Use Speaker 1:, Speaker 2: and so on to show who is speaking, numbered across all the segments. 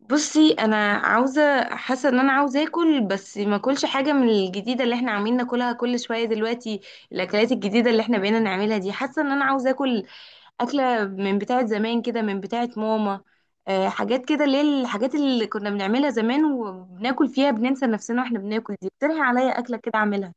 Speaker 1: بصي، انا عاوزه حاسه ان انا عاوزه اكل، بس ما اكلش حاجه من الجديده اللي احنا عاملين ناكلها كل شويه دلوقتي. الاكلات الجديده اللي احنا بقينا نعملها دي، حاسه ان انا عاوزه اكل اكله من بتاعه زمان كده، من بتاعه ماما. أه، حاجات كده اللي هي الحاجات اللي كنا بنعملها زمان وبناكل فيها بننسى نفسنا واحنا بناكل دي. اقترحي عليا اكله كده اعملها.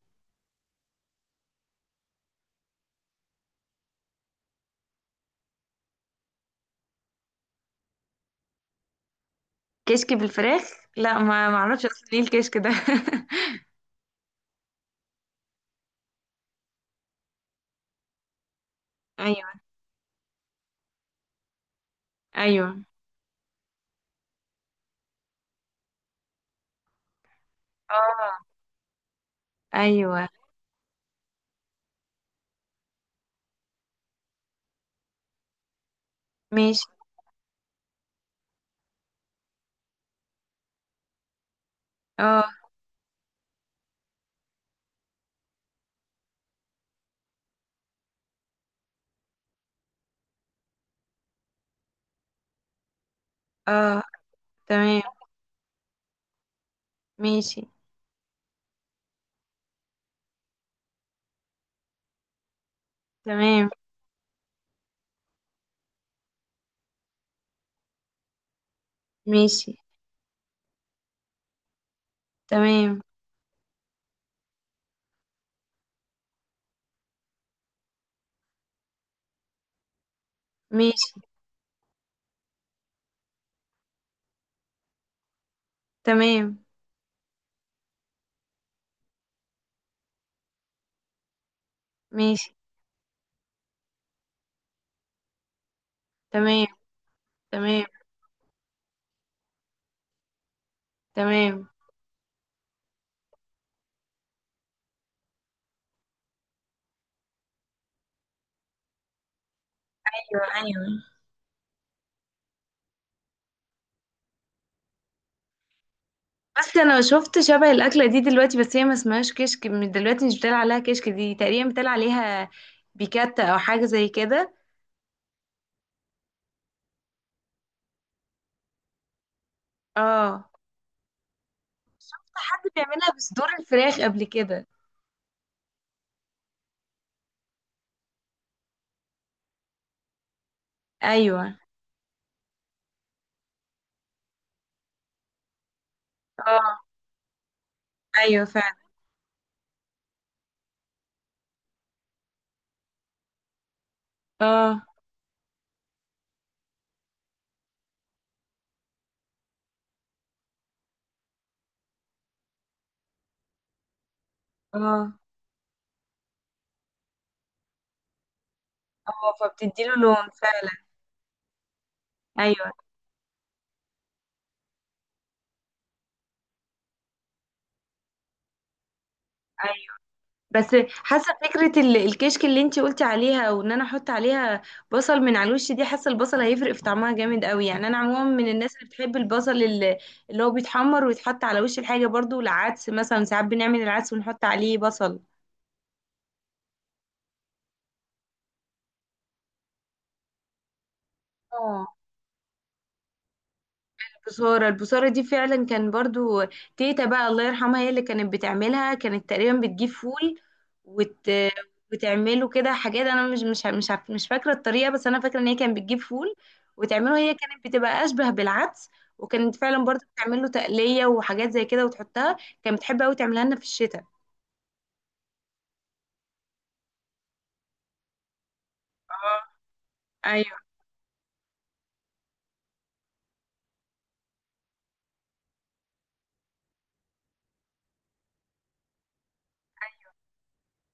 Speaker 1: كشك بالفراخ. لا، ما اعرفش اصلا ايه الكشك ده. ايوه. ايوه. اه. ايوه. ماشي. اه. اه. تمام. ماشي. تمام. ماشي. تمام. ماشي. تمام. ماشي. تمام. تمام. تمام. ايوه، ايوه. بس انا شفت شبه الاكله دي دلوقتي، بس هي ما اسمهاش كشك. من دلوقتي مش بتقال عليها كشك، دي تقريبا بتقال عليها بيكاتا او حاجه زي كده. اه. شفت حد بيعملها بصدور الفراخ قبل كده؟ ايوه. اه. ايوه، فعلا. اه. اه. اه، فبتديله لون. فعلا. ايوه. أيوة. بس. حاسه فكره الكشك اللي انتي قلتي عليها، وان انا احط عليها بصل من على الوش دي، حاسه البصل هيفرق في طعمها جامد قوي. يعني انا عموما من الناس اللي بتحب البصل اللي هو بيتحمر ويتحط على وش الحاجه، برضو العدس مثلا، ساعات بنعمل العدس ونحط عليه بصل. اه. البصارة دي فعلا كان برضو. تيتا بقى، الله يرحمها، هي اللي كانت بتعملها. كانت تقريبا بتجيب فول وت... وتعمله كده حاجات، انا مش فاكرة الطريقة، بس انا فاكرة ان هي كانت بتجيب فول وتعمله. هي كانت بتبقى اشبه بالعدس، وكانت فعلا برضو بتعمله تقلية وحاجات زي كده وتحطها. كانت بتحب قوي تعملها لنا في الشتاء. اه. ايوه.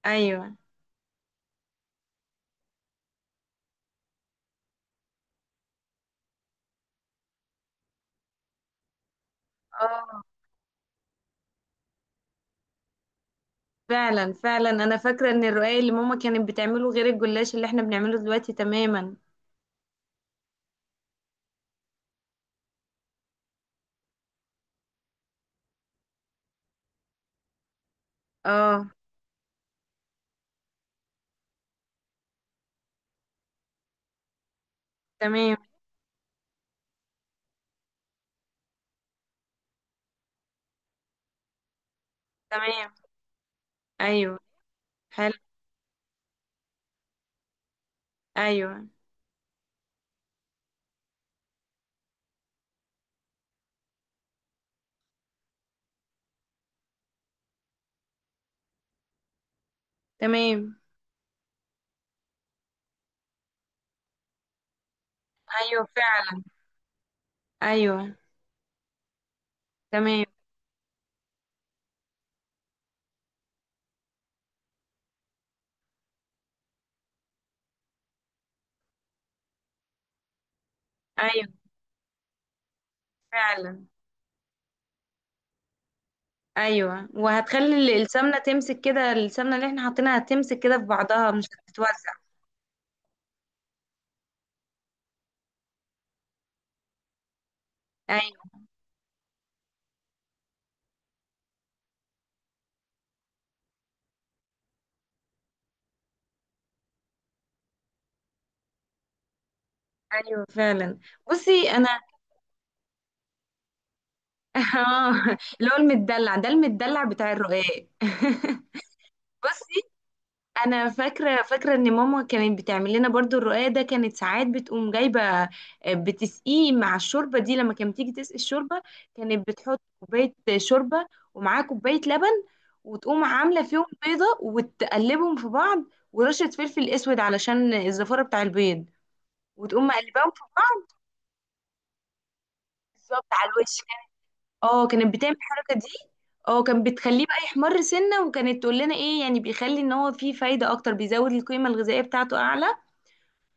Speaker 1: ايوه. اه، فعلا فعلا، انا فاكرة ان الرقاق اللي ماما كانت بتعمله غير الجلاش اللي احنا بنعمله دلوقتي تماما. اه. تمام. تمام. ايوه. حلو. ايوه. تمام. ايوه، فعلا. ايوه. تمام. ايوه، فعلا. ايوه. وهتخلي السمنه تمسك كده، السمنه اللي احنا حاطينها هتمسك كده في بعضها مش هتتوزع. ايوه. ايوه، فعلا. بصي انا اه، اللي هو المدلع ده، المدلع بتاع الرقاق بصي، انا فاكره فاكره ان ماما كانت بتعمل لنا برضو الرقاق ده، كانت ساعات بتقوم جايبه، بتسقيه مع الشوربه دي لما كانت تيجي تسقي الشوربه. كانت بتحط كوبايه شوربه، ومعاها كوبايه لبن، وتقوم عامله فيهم بيضه وتقلبهم في بعض، ورشه فلفل اسود علشان الزفاره بتاع البيض، وتقوم مقلباهم في بعض. بالظبط على الوش. اه، كانت بتعمل الحركه دي. اه، كان بتخليه بقى يحمر سنه، وكانت تقول لنا ايه؟ يعني بيخلي ان هو فيه فايده اكتر، بيزود القيمه الغذائيه بتاعته اعلى.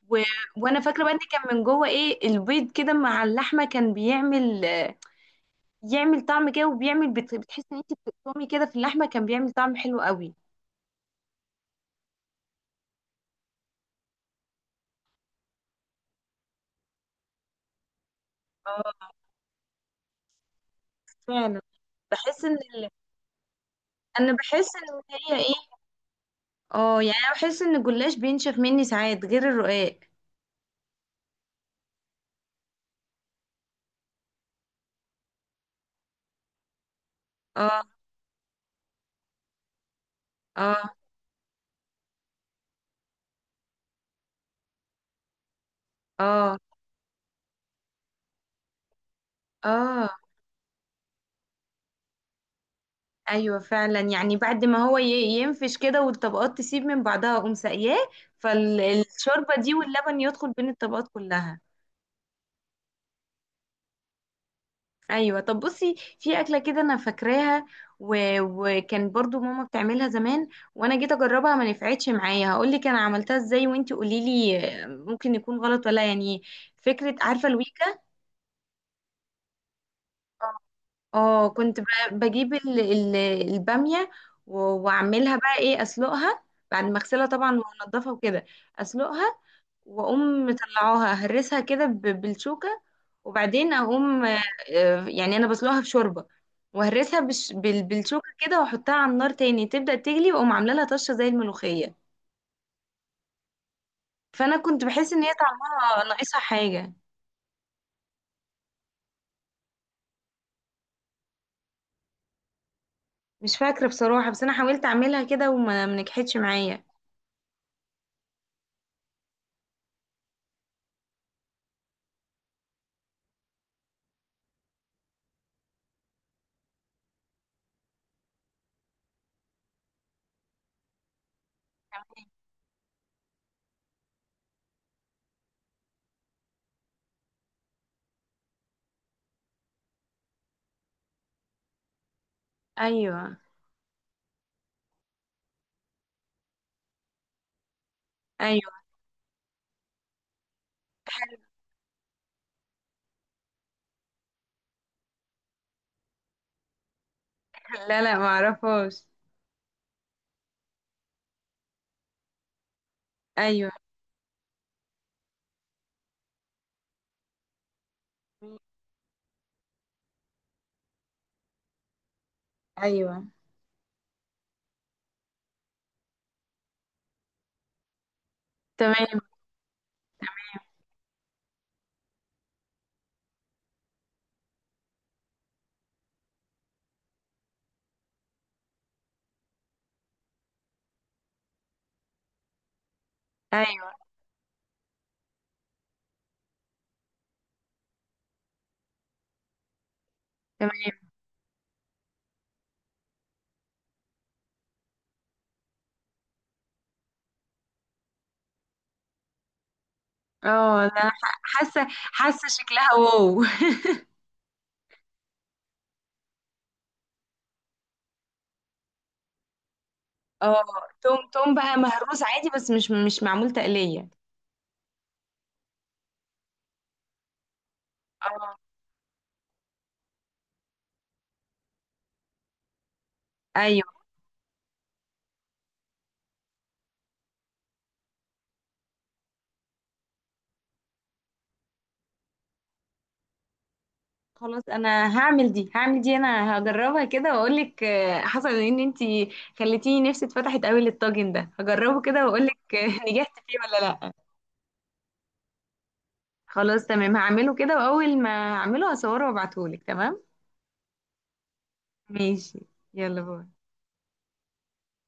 Speaker 1: و... وانا فاكره بقى ان كان من جوه ايه البيض كده مع اللحمه، كان يعمل طعم كده، وبيعمل بتحس ان انت بتقطمي كده في اللحمه، كان بيعمل طعم حلو قوي. اه، فعلا. بحس ان انا بحس ان هي ايه. اه، يعني انا بحس ان الجلاش بينشف مني ساعات غير الرقاق. اه. اه. اه. اه. ايوه، فعلا، يعني بعد ما هو ينفش كده والطبقات تسيب من بعضها اقوم ساقياه، فالشوربه دي واللبن يدخل بين الطبقات كلها. ايوه. طب، بصي، في اكله كده انا فاكراها، وكان برضو ماما بتعملها زمان، وانا جيت اجربها ما نفعتش معايا. هقول لك انا عملتها ازاي وانتي قولي لي ممكن يكون غلط ولا، يعني. فكره، عارفه الويكا؟ اه. كنت بجيب الباميه، واعملها بقى ايه، اسلقها. بعد ما اغسلها طبعا وانضفها وكده. اسلقها. واقوم مطلعاها اهرسها كده بالشوكه، وبعدين اقوم، يعني انا بسلقها في شوربه، واهرسها بالشوكه كده، واحطها على النار تاني تبدا تغلي، واقوم عامله لها طشه زي الملوخيه. فانا كنت بحس ان هي طعمها ناقصها حاجه. مش فاكره بصراحه، بس انا حاولت اعملها كده وما ما نجحتش معايا. ايوه. ايوه. حلو. لا، لا، ما اعرفهاش. ايوه. ايوه. تمام. ايوه. تمام. اه، لا، حاسه شكلها واو. اه. توم، توم بقى مهروس عادي، بس مش معمول تقلية؟ اه. ايوه. خلاص، انا هعمل دي، هعمل دي، انا هجربها كده واقول لك. حصل ان انت خليتيني، نفسي اتفتحت قوي للطاجن ده، هجربه كده واقول لك. نجحت فيه ولا لا؟ خلاص تمام، هعمله كده، واول ما اعمله هصوره وابعتهولك. تمام. ماشي. يلا، باي.